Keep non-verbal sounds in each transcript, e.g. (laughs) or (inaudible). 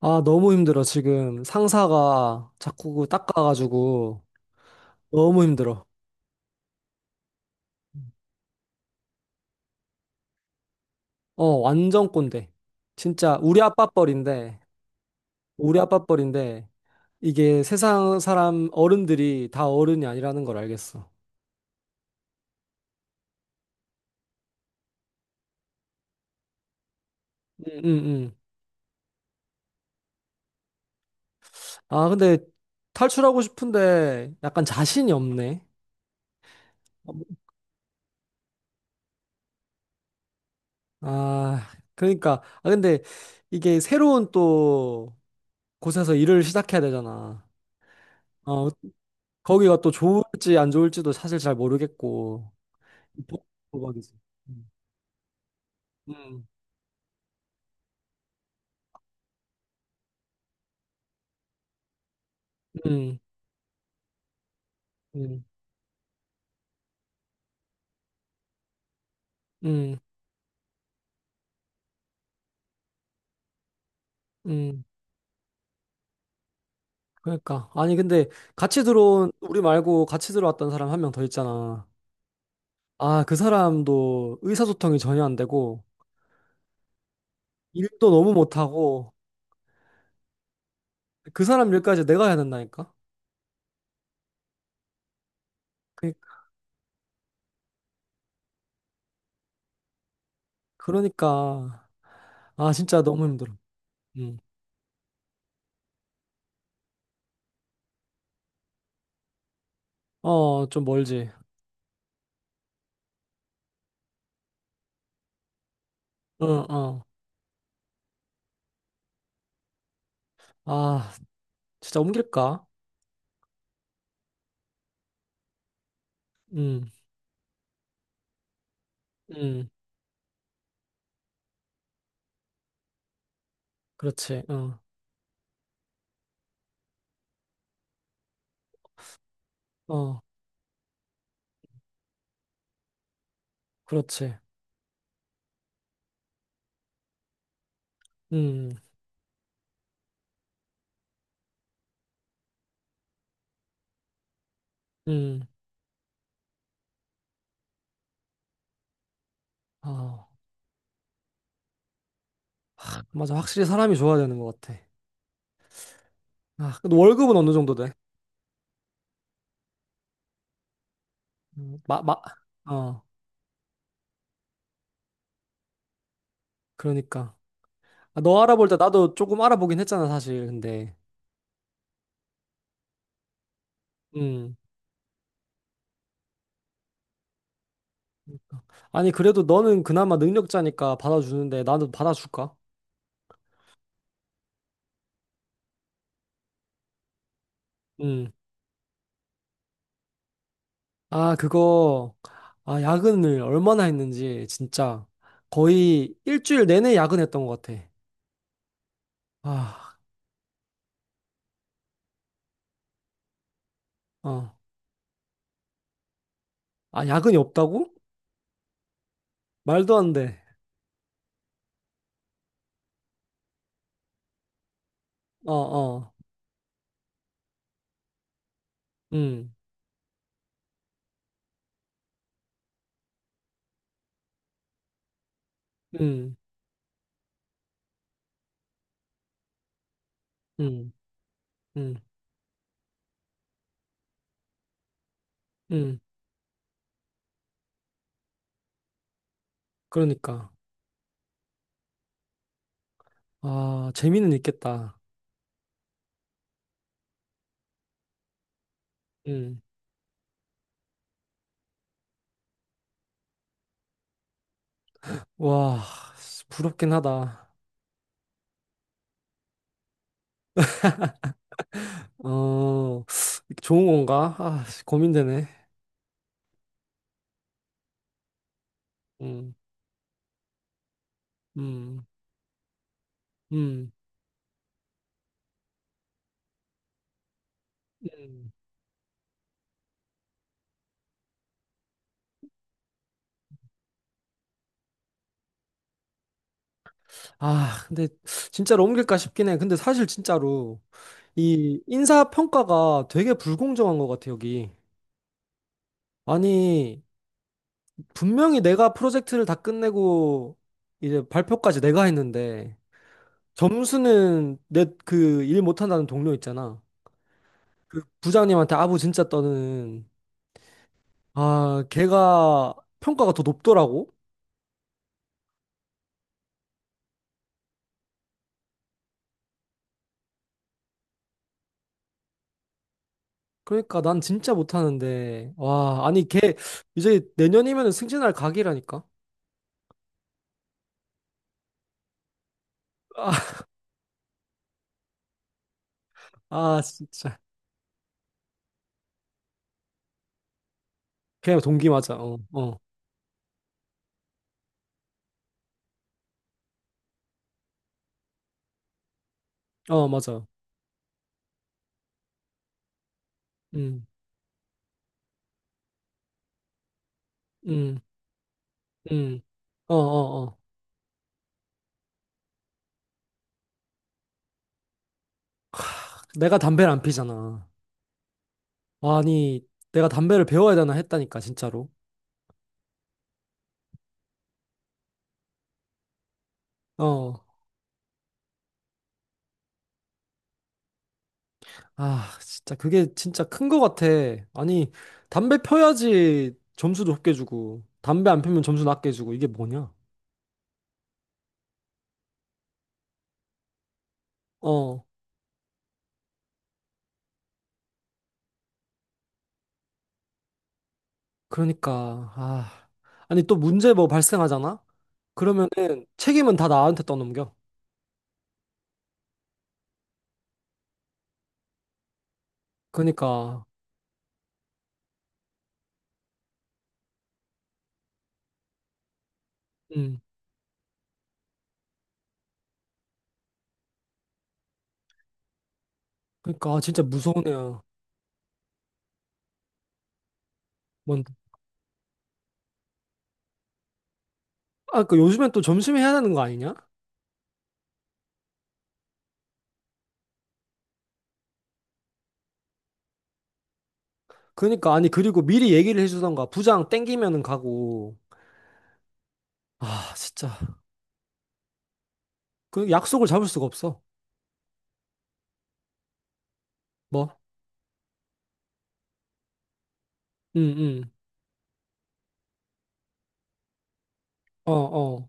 아, 너무 힘들어, 지금. 상사가 자꾸 그 닦아가지고 너무 힘들어. 어, 완전 꼰대. 진짜 우리 아빠 뻘인데, 이게 세상 사람 어른들이 다 어른이 아니라는 걸 알겠어. 응, 응, 응. 아, 근데 탈출하고 싶은데 약간 자신이 없네. 아, 그러니까. 아, 근데 이게 새로운 또 곳에서 일을 시작해야 되잖아. 어, 거기가 또 좋을지 안 좋을지도 사실 잘 모르겠고 복박이지. 음. 음. 음. 음. 음. 음. 그러니까 아니 근데 같이 들어온 우리 말고 같이 들어왔던 사람 한 명 더 있잖아. 아, 그 사람도 의사소통이 전혀 안 되고 일도 너무 못하고 그 사람 일까지 내가 해야 된다니까. 그, 그러니까 아 진짜 너무 힘들어. 음. 어, 좀 멀지. 어, 어. 아, 진짜 옮길까? 음. 음. 그렇지. 어. 어. 그렇지. 음, 음. 아, 맞아. 확실히 사람이 좋아야 되는 것 같아. 아, 근데 월급은 어느 정도 돼? 음, 마, 마, 어, 그러니까. 아, 너 알아볼 때 나도 조금 알아보긴 했잖아, 사실. 근데, 음. 아니, 그래도 너는 그나마 능력자니까 받아주는데 나도 받아줄까? 음. 아, 그거, 아, 야근을 얼마나 했는지, 진짜. 거의 일주일 내내 야근했던 것 같아. 아, 어. 아, 야근이 없다고? 말도 안 돼. 어, 어. 음. 음, 음, 음, 음. 그러니까. 아, 재미는 있겠다. 음. 와, 부럽긴 하다. 어, 좋은 건가? 아, 고민되네. 음, 음, 음, 음. 아, 근데 진짜로 옮길까 싶긴 해. 근데 사실 진짜로 이 인사평가가 되게 불공정한 것 같아, 여기. 아니, 분명히 내가 프로젝트를 다 끝내고 이제 발표까지 내가 했는데 점수는 내 그 일 못한다는 동료 있잖아. 그 부장님한테 아부 진짜 떠는 아 걔가 평가가 더 높더라고. 그러니까 난 진짜 못하는데 와 아니 걔 이제 내년이면 승진할 각이라니까. 아, 아 진짜 걔가 동기 맞아. 어 어 어 맞아. 음음음어어어 내가 담배를 안 피잖아. 아니 내가 담배를 배워야 되나 했다니까 진짜로. 어. 아, 진짜 그게 진짜 큰 거 같아. 아니, 담배 펴야지 점수도 높게 주고, 담배 안 피면 점수 낮게 주고, 이게 뭐냐? 어, 그러니까, 아. 아니, 또 문제 뭐 발생하잖아? 그러면은 책임은 다 나한테 떠넘겨. 그러니까, 음, 그러니까, 아, 진짜 무서운 애야. 뭔, 아, 그 요즘엔 또 점심에 해야 되는 거 아니냐? 그러니까, 아니, 그리고 미리 얘기를 해주던가, 부장 땡기면은 가고, 아, 진짜. 그 약속을 잡을 수가 없어. 뭐? 응, 응, 어, 어.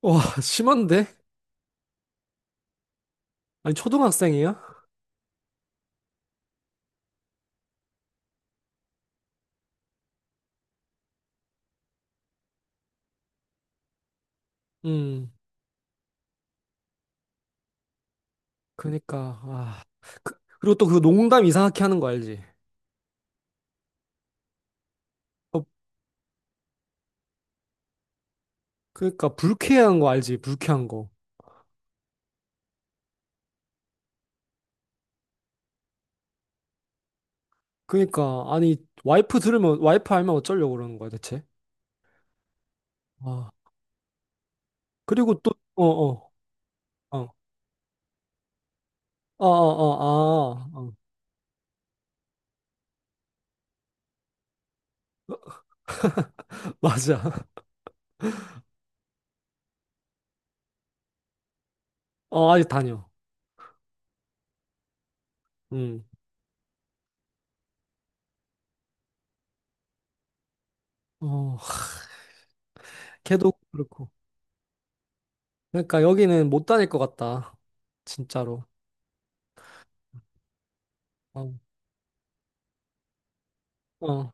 와, 심한데? 아니, 초등학생이야? 음, 그니까, 아. 그, 그리고 또 그 농담 이상하게 하는 거 알지? 어, 그니까, 불쾌한 거 알지? 불쾌한 거. 그니까, 아니, 와이프 알면 어쩌려고 그러는 거야, 대체? 아, 그리고 또, 어, 어, 어, 어, 어, 어, 아, 어, (laughs) 맞아. 어, 아직 다녀. 음, 어, 걔도 그렇고. 그니까, 러 여기는 못 다닐 것 같다. 진짜로. 어, 어.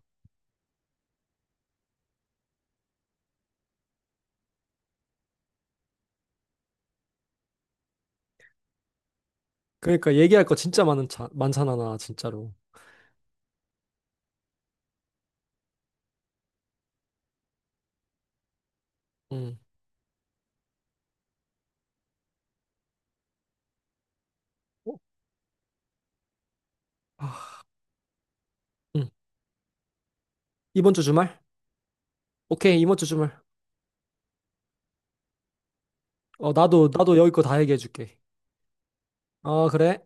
그러니까 얘기할 거 진짜 많잖아, 나 진짜로. 음. 어? 아, 응. 이번 주 주말? 오케이, 이번 주 주말. 어, 나도 여기 거 다 얘기해줄게. 어, 그래.